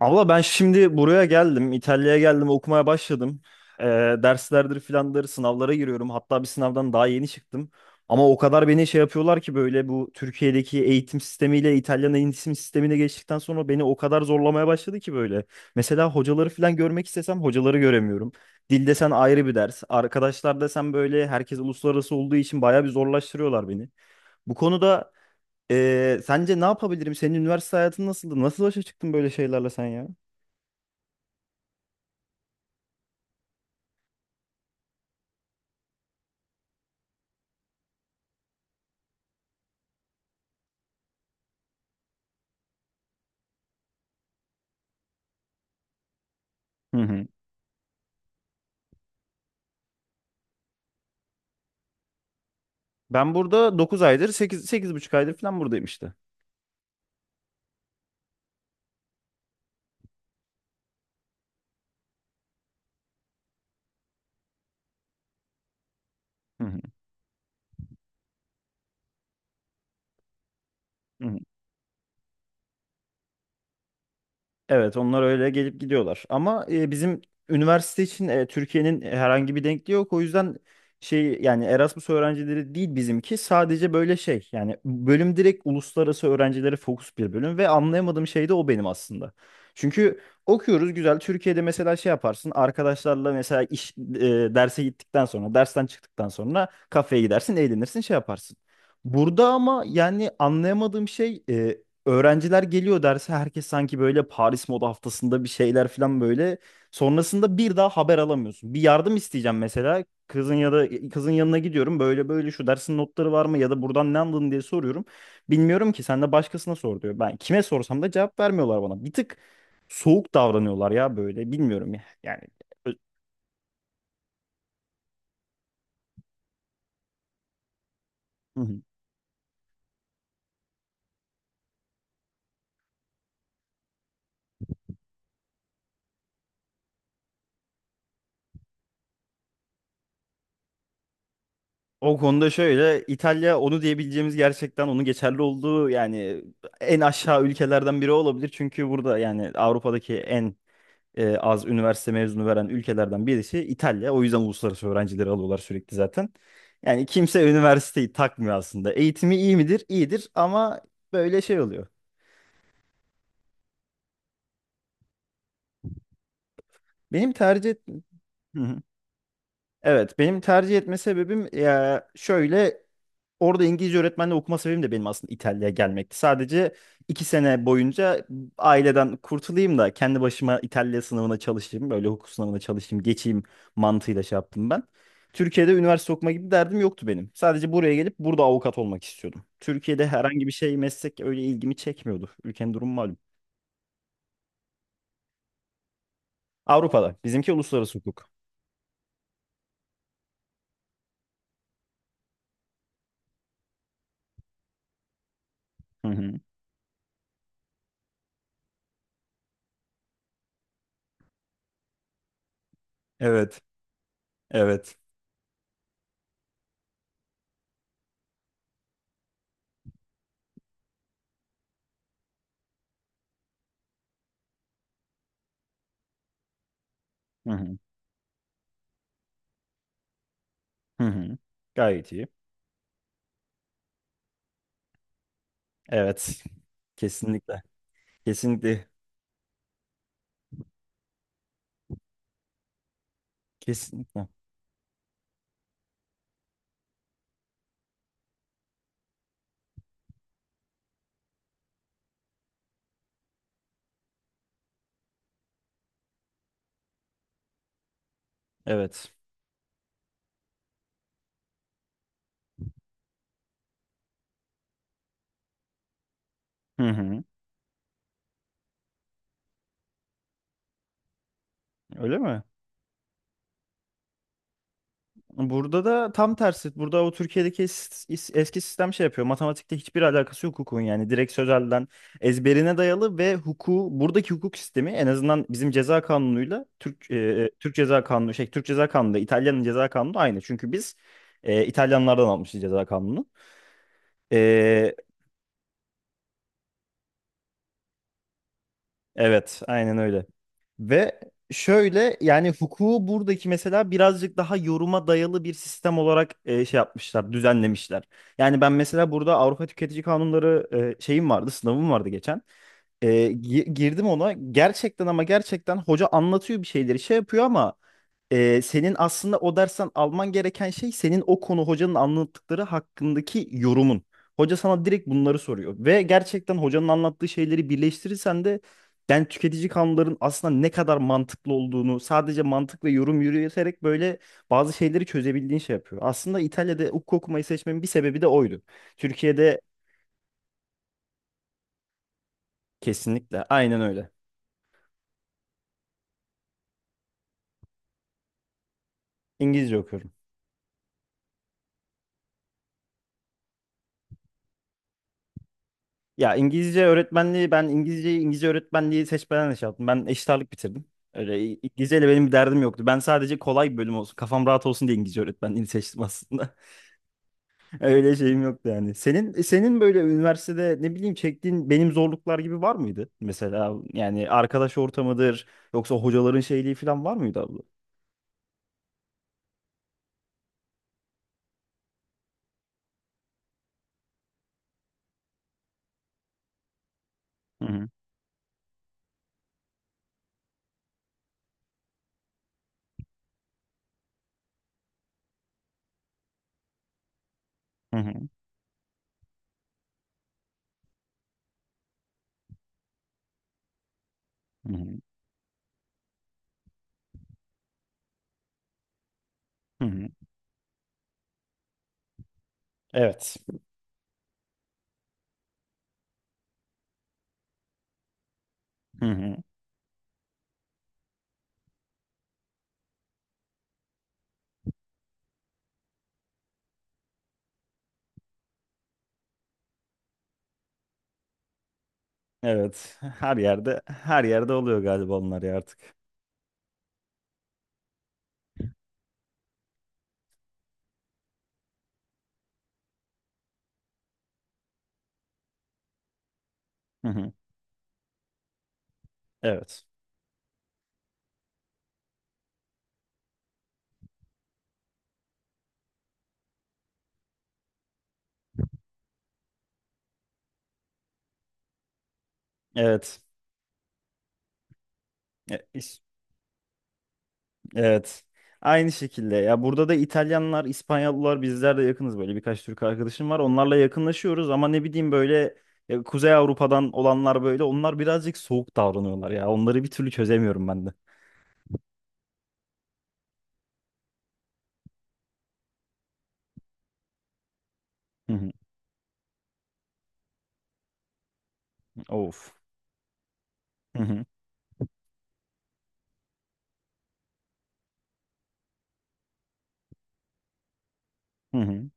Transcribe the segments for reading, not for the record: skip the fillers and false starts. Abla ben şimdi buraya geldim. İtalya'ya geldim. Okumaya başladım. Ee, derslerdir filandır sınavlara giriyorum. Hatta bir sınavdan daha yeni çıktım. Ama o kadar beni şey yapıyorlar ki böyle bu Türkiye'deki eğitim sistemiyle İtalyan eğitim sistemine geçtikten sonra beni o kadar zorlamaya başladı ki böyle. Mesela hocaları filan görmek istesem hocaları göremiyorum. Dil desen ayrı bir ders. Arkadaşlar desen böyle herkes uluslararası olduğu için bayağı bir zorlaştırıyorlar beni. Bu konuda sence ne yapabilirim? Senin üniversite hayatın nasıldı? Nasıl başa çıktın böyle şeylerle sen ya? Hı hı. Ben burada 9 aydır sekiz sekiz buçuk aydır falan buradayım işte. Hı hı. Hı hı. Evet, onlar öyle gelip gidiyorlar. Ama bizim üniversite için Türkiye'nin herhangi bir denkliği yok. O yüzden şey yani Erasmus öğrencileri değil bizimki. Sadece böyle şey yani bölüm direkt uluslararası öğrencilere fokus bir bölüm ve anlayamadığım şey de o benim aslında. Çünkü okuyoruz güzel. Türkiye'de mesela şey yaparsın arkadaşlarla mesela derse gittikten sonra dersten çıktıktan sonra kafeye gidersin eğlenirsin şey yaparsın. Burada ama yani anlayamadığım şey öğrenciler geliyor derse herkes sanki böyle Paris Moda Haftası'nda bir şeyler falan böyle. Sonrasında bir daha haber alamıyorsun. Bir yardım isteyeceğim mesela. Kızın ya da kızın yanına gidiyorum. Böyle böyle şu dersin notları var mı ya da buradan ne anladın diye soruyorum. Bilmiyorum ki sen de başkasına sor diyor. Ben kime sorsam da cevap vermiyorlar bana. Bir tık soğuk davranıyorlar ya böyle. Bilmiyorum ya. Yani. Hı. O konuda şöyle İtalya onu diyebileceğimiz gerçekten onun geçerli olduğu yani en aşağı ülkelerden biri olabilir. Çünkü burada yani Avrupa'daki en az üniversite mezunu veren ülkelerden birisi İtalya. O yüzden uluslararası öğrencileri alıyorlar sürekli zaten. Yani kimse üniversiteyi takmıyor aslında. Eğitimi iyi midir? İyidir ama böyle şey oluyor. Benim tercih et- Hı hı. Evet, benim tercih etme sebebim ya şöyle. Orada İngilizce öğretmenle okuma sebebim de benim aslında İtalya'ya gelmekti. Sadece 2 sene boyunca aileden kurtulayım da kendi başıma İtalya sınavına çalışayım. Böyle hukuk sınavına çalışayım, geçeyim mantığıyla şey yaptım ben. Türkiye'de üniversite okuma gibi derdim yoktu benim. Sadece buraya gelip burada avukat olmak istiyordum. Türkiye'de herhangi bir şey meslek öyle ilgimi çekmiyordu. Ülkenin durumu malum. Avrupa'da. Bizimki uluslararası hukuk. Hı hı. Evet, evet. Hı hı. Hı hı. Gayet iyi. Evet. Kesinlikle. Kesinlikle. Kesinlikle. Evet. Hı hı. Öyle mi? Burada da tam tersi. Burada o Türkiye'deki eski sistem şey yapıyor. Matematikte hiçbir alakası yok hukukun yani. Direkt sözelden ezberine dayalı ve hukuku buradaki hukuk sistemi en azından bizim ceza kanunuyla Türk Türk ceza kanunu şey Türk ceza kanunu da İtalya'nın ceza kanunu aynı. Çünkü biz İtalyanlardan almışız ceza kanunu. E, evet, aynen öyle. Ve şöyle yani hukuku buradaki mesela birazcık daha yoruma dayalı bir sistem olarak şey yapmışlar, düzenlemişler. Yani ben mesela burada Avrupa Tüketici Kanunları şeyim vardı, sınavım vardı geçen. Girdim ona gerçekten ama gerçekten hoca anlatıyor bir şeyleri şey yapıyor ama senin aslında o dersten alman gereken şey senin o konu hocanın anlattıkları hakkındaki yorumun. Hoca sana direkt bunları soruyor ve gerçekten hocanın anlattığı şeyleri birleştirirsen de ben tüketici kanunların aslında ne kadar mantıklı olduğunu sadece mantık ve yorum yürüterek böyle bazı şeyleri çözebildiğin şey yapıyor. Aslında İtalya'da hukuk okumayı seçmemin bir sebebi de oydu. Türkiye'de kesinlikle aynen öyle. İngilizce okuyorum. Ya İngilizce öğretmenliği ben İngilizceyi İngilizce öğretmenliği seçmeden de şey yaptım. Ben eşit ağırlık bitirdim. İngilizceyle benim bir derdim yoktu. Ben sadece kolay bir bölüm olsun, kafam rahat olsun diye İngilizce öğretmenliğini seçtim aslında. Öyle şeyim yoktu yani. Senin böyle üniversitede ne bileyim çektiğin benim zorluklar gibi var mıydı? Mesela yani arkadaş ortamıdır yoksa hocaların şeyliği falan var mıydı abla? Hı hı, hı hı, hı hı. Hı hı. Evet. Hı hı. Evet. Her yerde her yerde oluyor galiba onlar ya artık. Hı hı. Evet. Evet. E, iş- Evet. Aynı şekilde. Ya burada da İtalyanlar, İspanyollar bizler de yakınız böyle. Birkaç Türk arkadaşım var. Onlarla yakınlaşıyoruz ama ne bileyim böyle Kuzey Avrupa'dan olanlar böyle. Onlar birazcık soğuk davranıyorlar ya. Onları bir türlü çözemiyorum ben de. Hı hı. Of. Hı hı. Hı hı.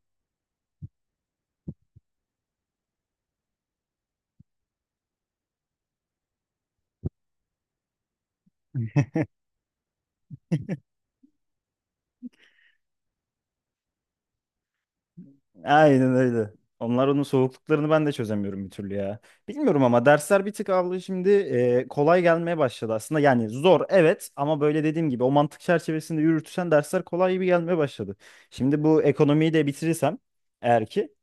Aynen öyle. Onlar onun soğukluklarını ben de çözemiyorum bir türlü ya. Bilmiyorum ama dersler bir tık abla şimdi kolay gelmeye başladı aslında. Yani zor evet ama böyle dediğim gibi o mantık çerçevesinde yürütürsen dersler kolay gibi gelmeye başladı. Şimdi bu ekonomiyi de bitirirsem eğer ki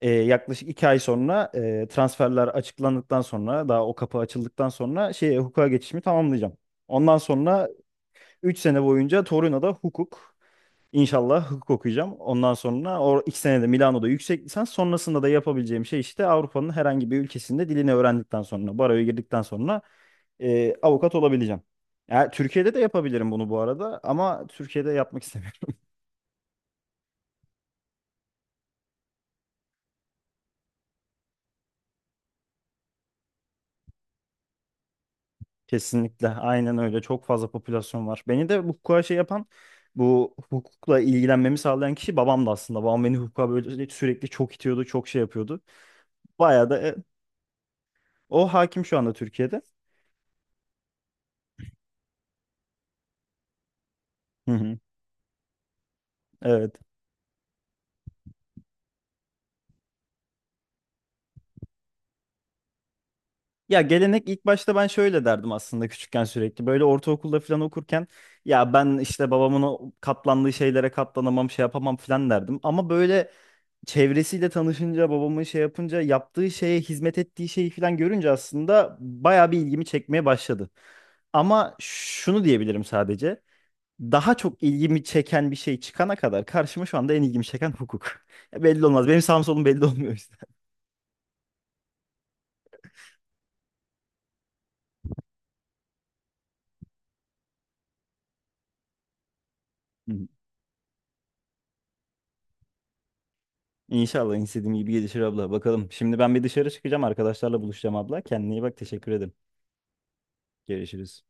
yaklaşık 2 ay sonra transferler açıklandıktan sonra daha o kapı açıldıktan sonra şeye hukuka geçişimi tamamlayacağım. Ondan sonra 3 sene boyunca Torino'da hukuk. İnşallah hukuk okuyacağım. Ondan sonra o 2 senede Milano'da yüksek lisans. Sonrasında da yapabileceğim şey işte Avrupa'nın herhangi bir ülkesinde dilini öğrendikten sonra, baroya girdikten sonra avukat olabileceğim. Ya Türkiye'de de yapabilirim bunu bu arada ama Türkiye'de yapmak istemiyorum. Kesinlikle. Aynen öyle. Çok fazla popülasyon var. Beni de bu hukuka şey yapan, bu hukukla ilgilenmemi sağlayan kişi babamdı aslında. Babam beni hukuka böyle sürekli çok itiyordu, çok şey yapıyordu. Bayağı da o hakim şu anda Türkiye'de. Hı hı. Evet. Ya gelenek ilk başta ben şöyle derdim aslında küçükken sürekli. Böyle ortaokulda falan okurken ya ben işte babamın o katlandığı şeylere katlanamam şey yapamam falan derdim. Ama böyle çevresiyle tanışınca babamın şey yapınca yaptığı şeye hizmet ettiği şeyi falan görünce aslında bayağı bir ilgimi çekmeye başladı. Ama şunu diyebilirim sadece. Daha çok ilgimi çeken bir şey çıkana kadar karşıma şu anda en ilgimi çeken hukuk. Belli olmaz. Benim sağım solum belli olmuyor işte. İnşallah istediğim gibi gelişir abla. Bakalım. Şimdi ben bir dışarı çıkacağım. Arkadaşlarla buluşacağım abla. Kendine iyi bak. Teşekkür ederim. Görüşürüz.